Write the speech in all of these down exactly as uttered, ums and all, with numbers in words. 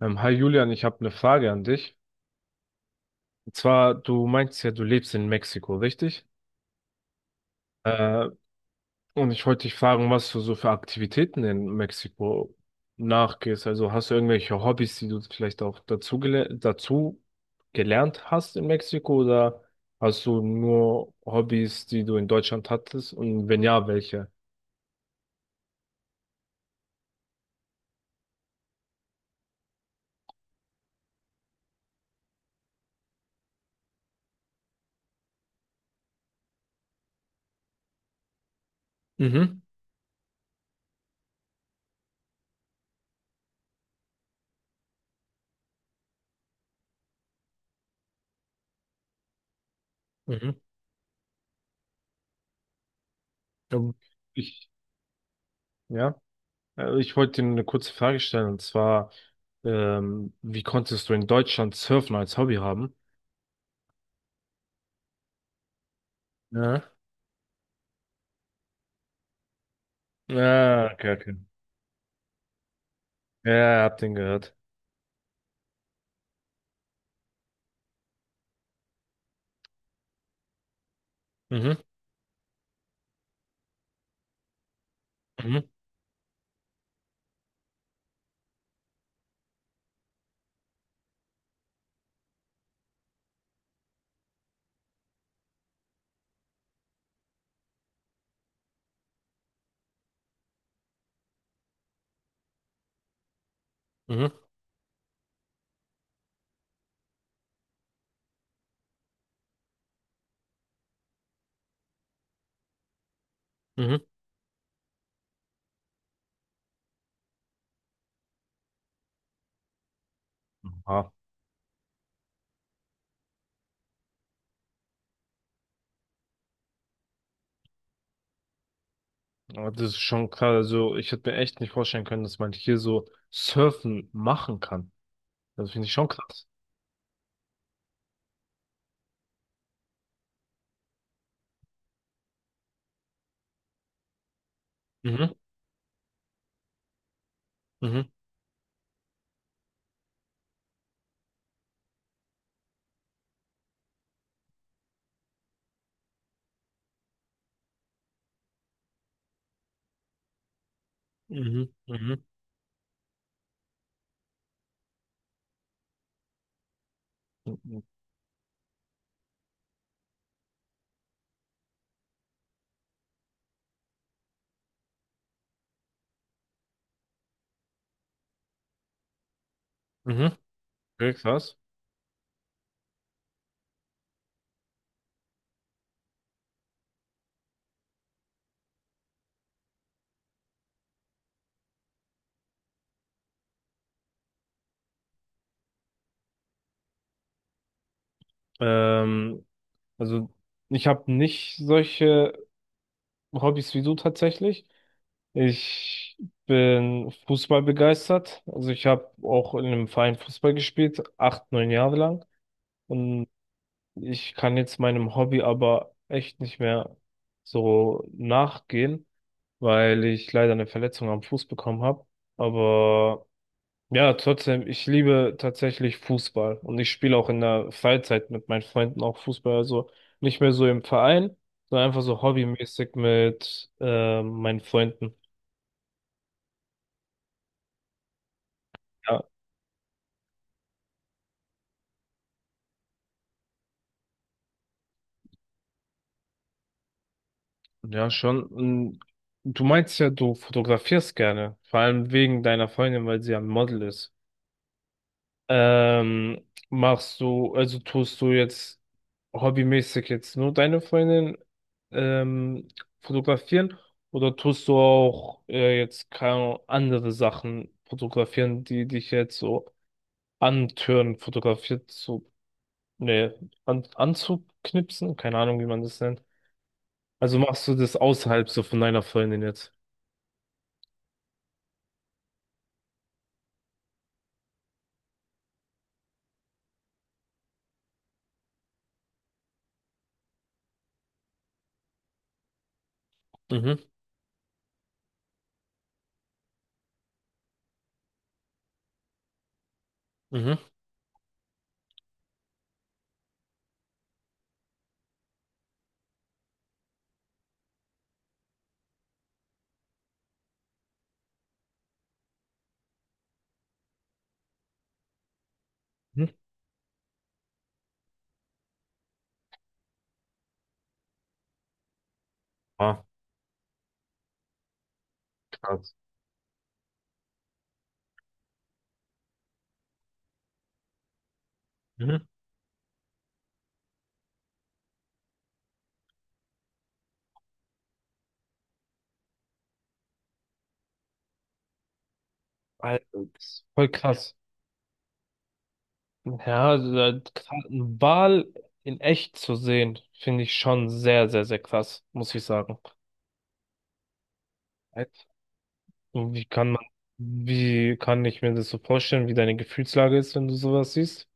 Ähm, hi Julian, ich habe eine Frage an dich. Und zwar, du meinst ja, du lebst in Mexiko, richtig? Äh, und ich wollte dich fragen, was du so für Aktivitäten in Mexiko nachgehst. Also hast du irgendwelche Hobbys, die du vielleicht auch dazu, gele dazu gelernt hast in Mexiko oder hast du nur Hobbys, die du in Deutschland hattest? Und wenn ja, welche? Mhm. Mhm. Ja, Ich, ja. Äh, Ich wollte dir eine kurze Frage stellen, und zwar, ähm, wie konntest du in Deutschland Surfen als Hobby haben? Ja. Ja, okay, okay. Ja, ja, ja, hab den gehört. Mhm, mhm, mhm, mhm. Ah, aber das ist schon krass. Also, ich hätte mir echt nicht vorstellen können, dass man hier so Surfen machen kann. Das finde ich schon krass. Mhm, mhm, mhm, mhm, mhm, mhm. Sehr krass. Ähm, also, ich habe nicht solche Hobbys wie du tatsächlich. Ich bin Fußball begeistert. Also ich habe auch in einem Verein Fußball gespielt, acht, neun Jahre lang. Und ich kann jetzt meinem Hobby aber echt nicht mehr so nachgehen, weil ich leider eine Verletzung am Fuß bekommen habe. Aber ja, trotzdem, ich liebe tatsächlich Fußball. Und ich spiele auch in der Freizeit mit meinen Freunden auch Fußball. Also nicht mehr so im Verein, sondern einfach so hobbymäßig mit äh, meinen Freunden. Ja. Ja, schon. Und du meinst ja, du fotografierst gerne, vor allem wegen deiner Freundin, weil sie ja ein Model ist. Ähm, machst du, also tust du jetzt hobbymäßig jetzt nur deine Freundin ähm, fotografieren oder tust du auch äh, jetzt keine Ahnung, andere Sachen fotografieren, die dich jetzt so antören, fotografiert zu, ne, an, anzuknipsen? Keine Ahnung, wie man das nennt. Also machst du das außerhalb so von deiner Freundin jetzt? Mhm. Mhm. Mhm. Ah, krass. Mhm. Alter, das ist voll krass. Ja, also, äh, krass, einen Wal in echt zu sehen, finde ich schon sehr, sehr, sehr krass, muss ich sagen. Echt? Und wie kann man, wie kann ich mir das so vorstellen, wie deine Gefühlslage ist, wenn du sowas siehst?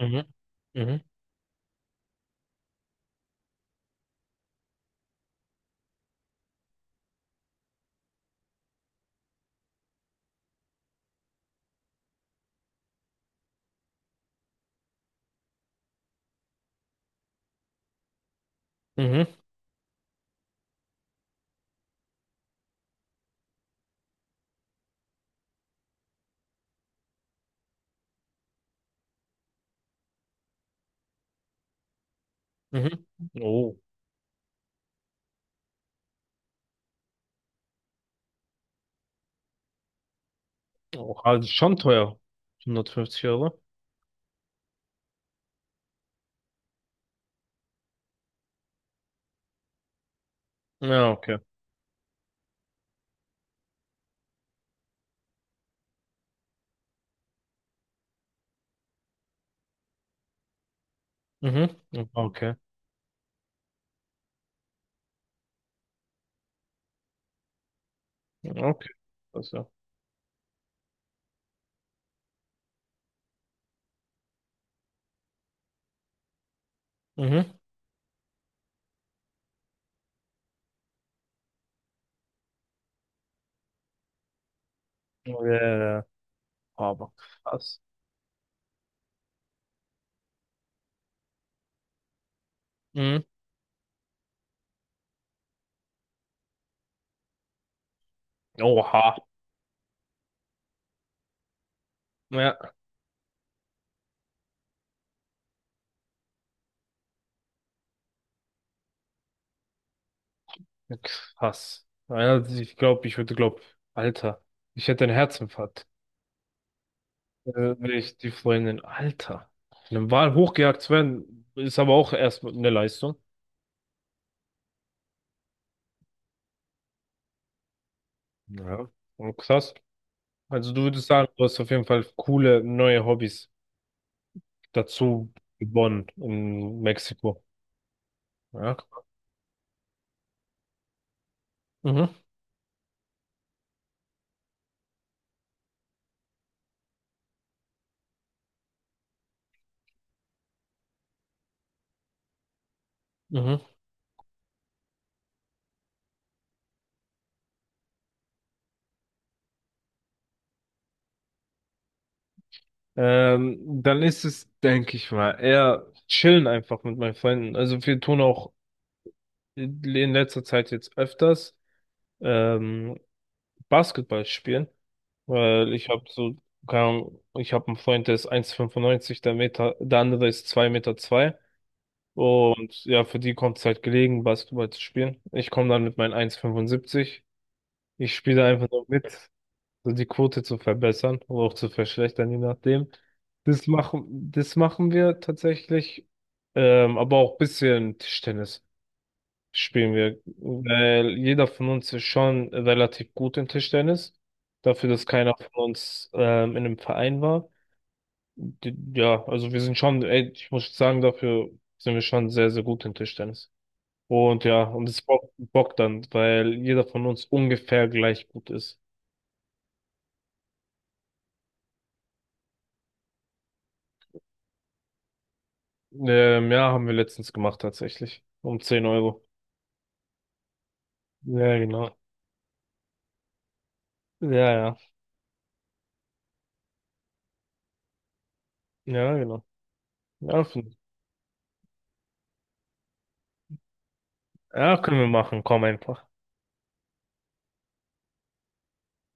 Mhm. Mhm. Mhm. Mhm. Oh, oh, also schon teuer. Hundertfünfzig Euro? Ja, okay. Mhm. Okay, okay. Also mhm. Ja, ja, ja. Aber krass. Mhm. Oha. Ja, krass. Ja, ich glaube, ich würde glauben, Alter, ich hätte einen Herzinfarkt, äh, wenn ich die Freundin, Alter, von einem Wal hochgejagt zu werden, ist aber auch erstmal eine Leistung. Ja. Und krass. Also du würdest sagen, du hast auf jeden Fall coole neue Hobbys dazu gewonnen in Mexiko. Ja. Mhm. Mhm. Ähm, dann ist es, denke ich mal, eher chillen einfach mit meinen Freunden. Also wir tun auch in letzter Zeit jetzt öfters ähm, Basketball spielen, weil ich habe so, keine Ahnung, ich habe einen Freund, der ist eins Komma fünfundneunzig der Meter, der andere ist zwei Komma zwei Meter zwei und ja, für die kommt es halt gelegen, Basketball zu spielen. Ich komme dann mit meinen eins Komma fünfundsiebzig. Ich spiele einfach nur mit, so die Quote zu verbessern oder auch zu verschlechtern, je nachdem. Das machen, das machen wir tatsächlich, ähm, aber auch bisschen Tischtennis spielen wir, weil jeder von uns ist schon relativ gut in Tischtennis. Dafür, dass keiner von uns ähm, in einem Verein war. D- Ja, also wir sind schon, ey, ich muss sagen, dafür sind wir schon sehr, sehr gut in Tischtennis. Und ja, und es bockt, bockt dann, weil jeder von uns ungefähr gleich gut ist. Ähm, ja, haben wir letztens gemacht tatsächlich. Um zehn Euro. Ja, genau. Ja, ja. Ja, genau. Ja, f- ja, können wir machen. Komm einfach.